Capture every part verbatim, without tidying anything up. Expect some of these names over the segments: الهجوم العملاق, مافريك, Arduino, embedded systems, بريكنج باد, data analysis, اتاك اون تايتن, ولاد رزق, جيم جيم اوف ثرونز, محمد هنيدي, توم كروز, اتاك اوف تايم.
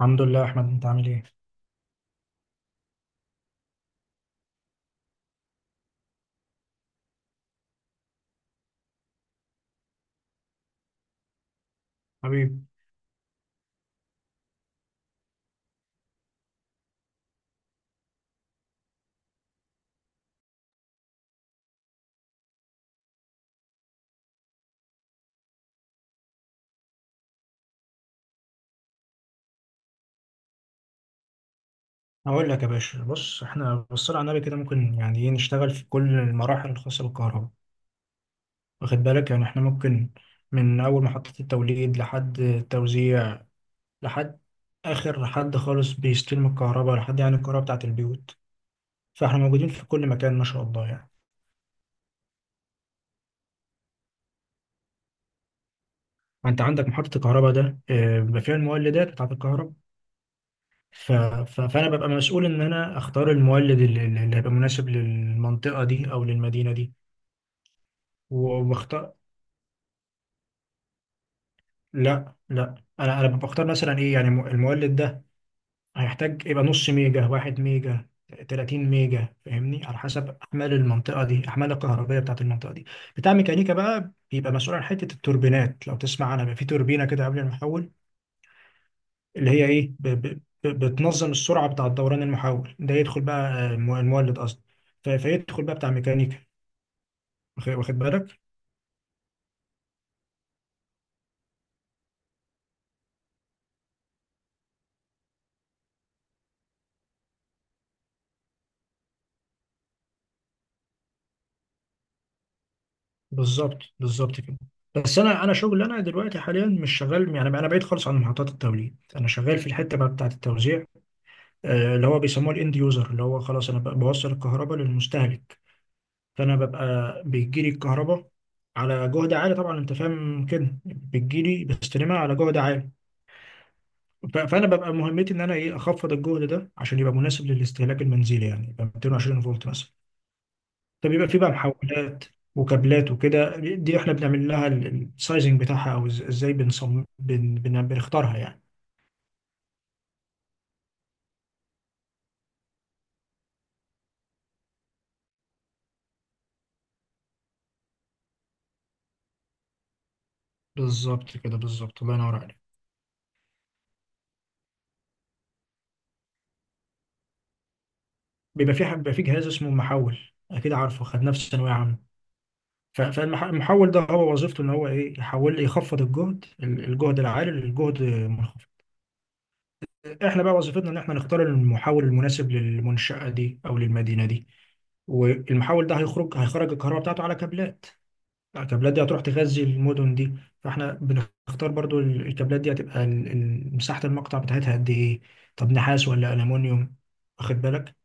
الحمد لله يا احمد، انت عامل ايه؟ حبيبي، هقول لك يا باشا. بص، احنا بالصلاه على النبي كده ممكن يعني ايه نشتغل في كل المراحل الخاصه بالكهرباء، واخد بالك؟ يعني احنا ممكن من اول محطه التوليد لحد التوزيع، لحد اخر حد خالص بيستلم الكهرباء، لحد يعني الكهرباء بتاعه البيوت. فاحنا موجودين في كل مكان ما شاء الله يعني. انت عندك محطه الكهرباء ده آه، بيبقى فيها المولدات بتاعه الكهرباء. ف... ف... فانا ببقى مسؤول ان انا اختار المولد اللي, اللي هيبقى مناسب للمنطقه دي او للمدينه دي، وبختار. لا لا، انا انا بختار مثلا ايه، يعني الم- المولد ده هيحتاج يبقى نص ميجا، واحد ميجا، تلاتين ميجا، فاهمني؟ على حسب احمال المنطقه دي، احمال الكهربائيه بتاعت المنطقه دي. بتاع ميكانيكا بقى بيبقى مسؤول عن حته التوربينات، لو تسمع عنها بيبقى في توربينه كده قبل المحول، اللي هي ايه ب ب ب بتنظم السرعه بتاع دوران المحول ده، يدخل بقى آه، المولد قصدي. ف- فيدخل بقى بتاع ميكانيكا. واخد واخد بالك؟ بالظبط بالظبط كده. بس انا، انا شغل انا دلوقتي حاليا مش شغال، يعني انا بعيد خالص عن محطات التوليد. انا شغال في الحته بقى بتاعه التوزيع، آه، اللي هو بيسموه الاند يوزر، اللي هو خلاص انا بقى بوصل الكهرباء للمستهلك. فانا ببقى بيجي لي الكهرباء على جهد عالي طبعا، انت فاهم كده، بتجي لي بستلمها على جهد عالي. ف- فانا ببقى مهمتي ان انا ايه اخفض الجهد ده عشان يبقى مناسب للاستهلاك المنزلي، يعني يبقى ميتين وعشرين فولت مثلا. فبيبقى في بقى محولات وكابلات وكده، دي احنا بنعمل لها السايزنج بتاعها، او إز- ازاي بنصمم بن بن بنختارها يعني. بالظبط كده، بالظبط، الله ينور عليك. بيبقى في ح- بيبقى في جهاز اسمه محول، اكيد عارفه، خدناه في ثانويه عامه. ف- فالمحول ده هو وظيفته ان هو ايه يحول، يخفض الجهد ال- الجهد العالي للجهد المنخفض. احنا بقى وظيفتنا ان احنا نختار المحول المناسب للمنشأة دي او للمدينة دي، والمحول ده هيخرج هيخرج الكهرباء بتاعته على كابلات. الكابلات دي هتروح تغذي المدن دي، فاحنا بنختار برضو ال- الكابلات دي هتبقى ال- ال- مساحة المقطع بتاعتها قد ايه، طب نحاس ولا ألمونيوم، واخد بالك،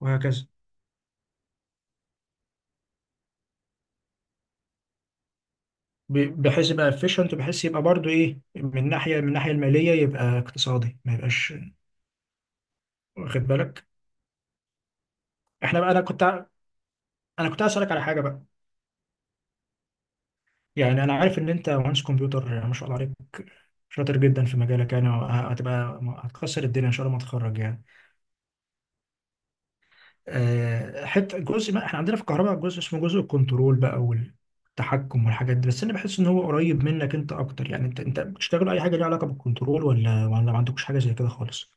وهكذا. ب- بحيث يبقى efficient، بحيث يبقى برضو ايه من ناحية، من ناحية المالية يبقى اقتصادي، ما يبقاش. واخد بالك؟ احنا بقى، انا كنت ع- انا كنت هسألك على حاجة بقى. يعني انا عارف ان انت مهندس كمبيوتر، يعني ما شاء الله عليك، شاطر جدا في مجالك، يعني وه- هتبقى هتكسر الدنيا ان شاء الله ما تخرج يعني. آه، حته جزء ما احنا عندنا في الكهرباء جزء اسمه جزء الكنترول بقى والتحكم والحاجات دي، بس انا بحس ان هو قريب منك انت اكتر، يعني انت انت بتشتغل اي حاجه ليها علاقه بالكنترول، ولا ولا ما عندكش حاجه زي كده خالص؟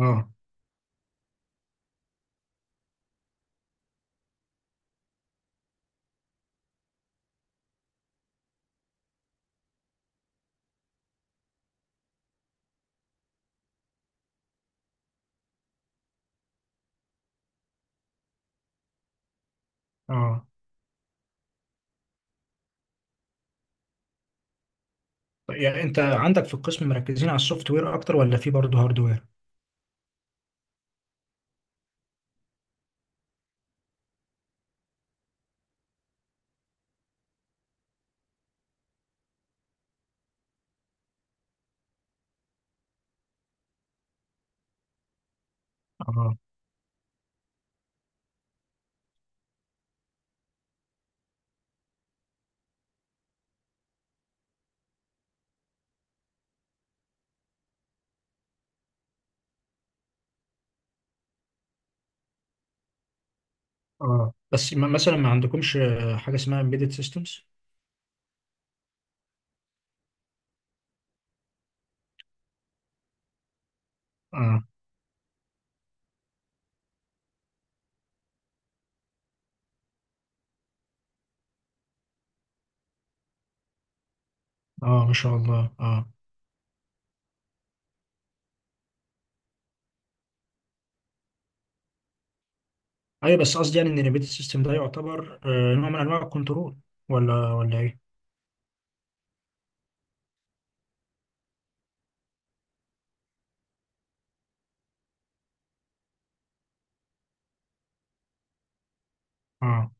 اه. اه. طيب، يعني انت عندك في القسم مركزين على السوفت وير اكتر، ولا في برضه هاردوير؟ اه. اه. بس ما- مثلا ما عندكمش آه، حاجه اسمها امبيدد سيستمز؟ اه. اه ما شاء الله. اه ايوه، بس قصدي يعني ان الامبيدد سيستم ده يعتبر آه، نوع من انواع الكنترول، ولا ولا ايه؟ اه.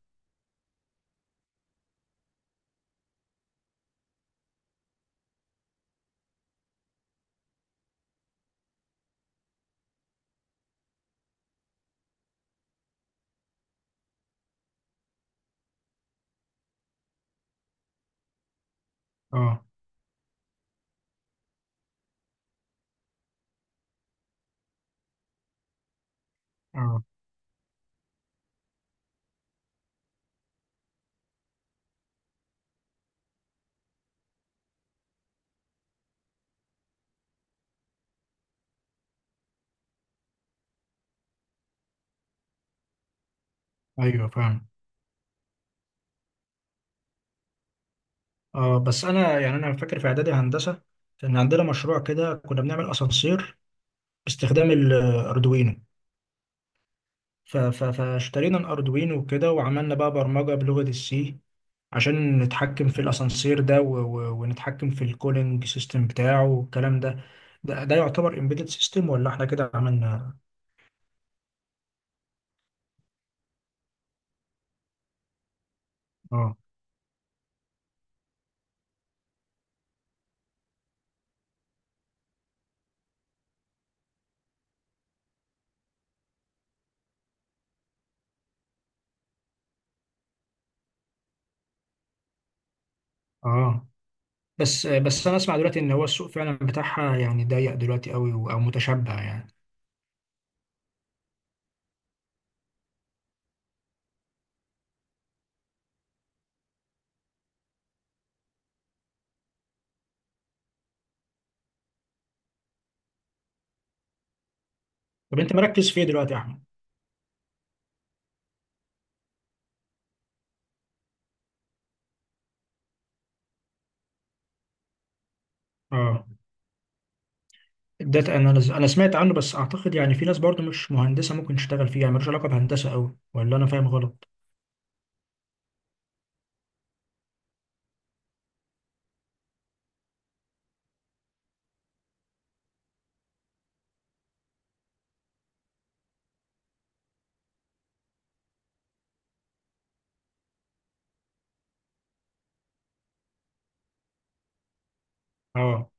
اه. اه. ايوه فاهم. اه بس انا يعني انا فاكر في اعدادي هندسه كان عندنا مشروع كده، كنا بنعمل اسانسير باستخدام الاردوينو. ف- ف- فاشترينا الاردوينو وكده، وعملنا بقى برمجه بلغه السي عشان نتحكم في الاسانسير ده، و- و- ونتحكم في الكولينج سيستم بتاعه والكلام ده. ده, ده يعتبر امبيدد سيستم، ولا احنا كده عملنا؟ اه. اه. بس بس انا اسمع دلوقتي ان هو السوق فعلا بتاعها يعني ضيق دلوقتي قوي، او متشبع يعني. طب انت مركز في ايه دلوقتي يا احمد؟ اه الداتا اناليز انا سمعت عنه، بس اعتقد يعني في ناس برضو مش مهندسه ممكن تشتغل فيه، يعني ملوش علاقه بهندسه قوي، ولا انا فاهم غلط؟ اه.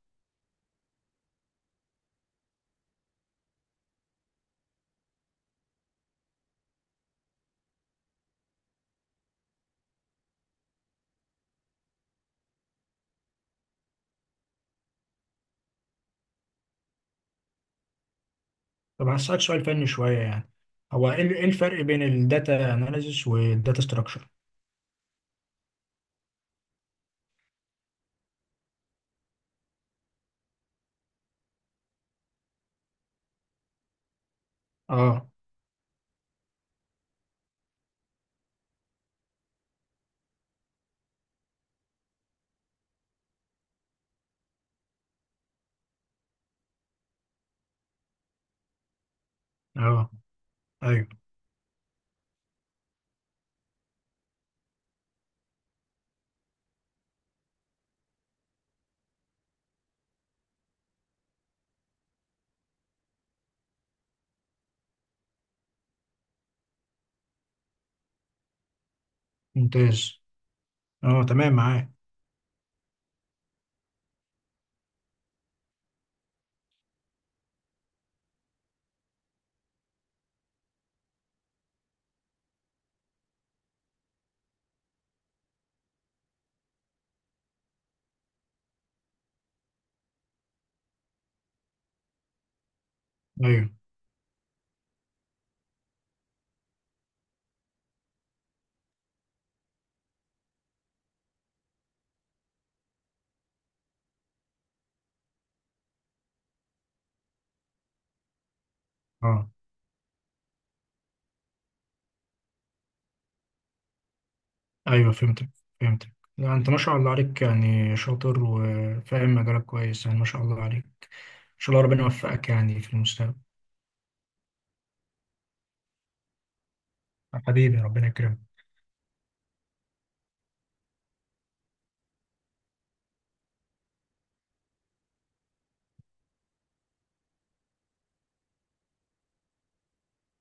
طب هسالك سؤال فني شويه يعني، هو ايه ال- إيه الفرق بين الداتا اناليزس والداتا ستراكشر؟ اه. اه. ايوه. ممتاز. اه تمام معاك. ايوه. اه. ايوه فهمتك فهمتك لا انت ما شاء الله عليك، يعني شاطر وفاهم مجالك كويس، يعني ما شاء الله عليك. ان شاء الله ربنا يوفقك يعني في المستقبل. حبيبي، ربنا يكرمك.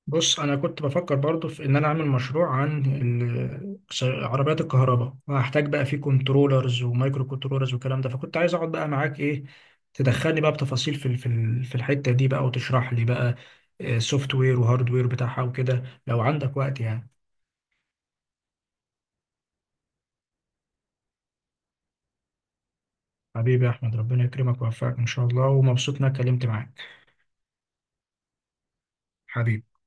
بص انا كنت بفكر برضو في ان انا اعمل مشروع عن ال- ش- عربيات الكهرباء، وهحتاج بقى فيه كنترولرز ومايكرو كنترولرز والكلام ده، فكنت عايز اقعد بقى معاك ايه، تدخلني بقى بتفاصيل في ال- في ال- في الحتة دي بقى، وتشرح لي بقى سوفت وير وهارد وير بتاعها وكده لو عندك وقت يعني. حبيبي يا احمد، ربنا يكرمك ويوفقك ان شاء الله، ومبسوط اني اتكلمت معاك. حبيبي.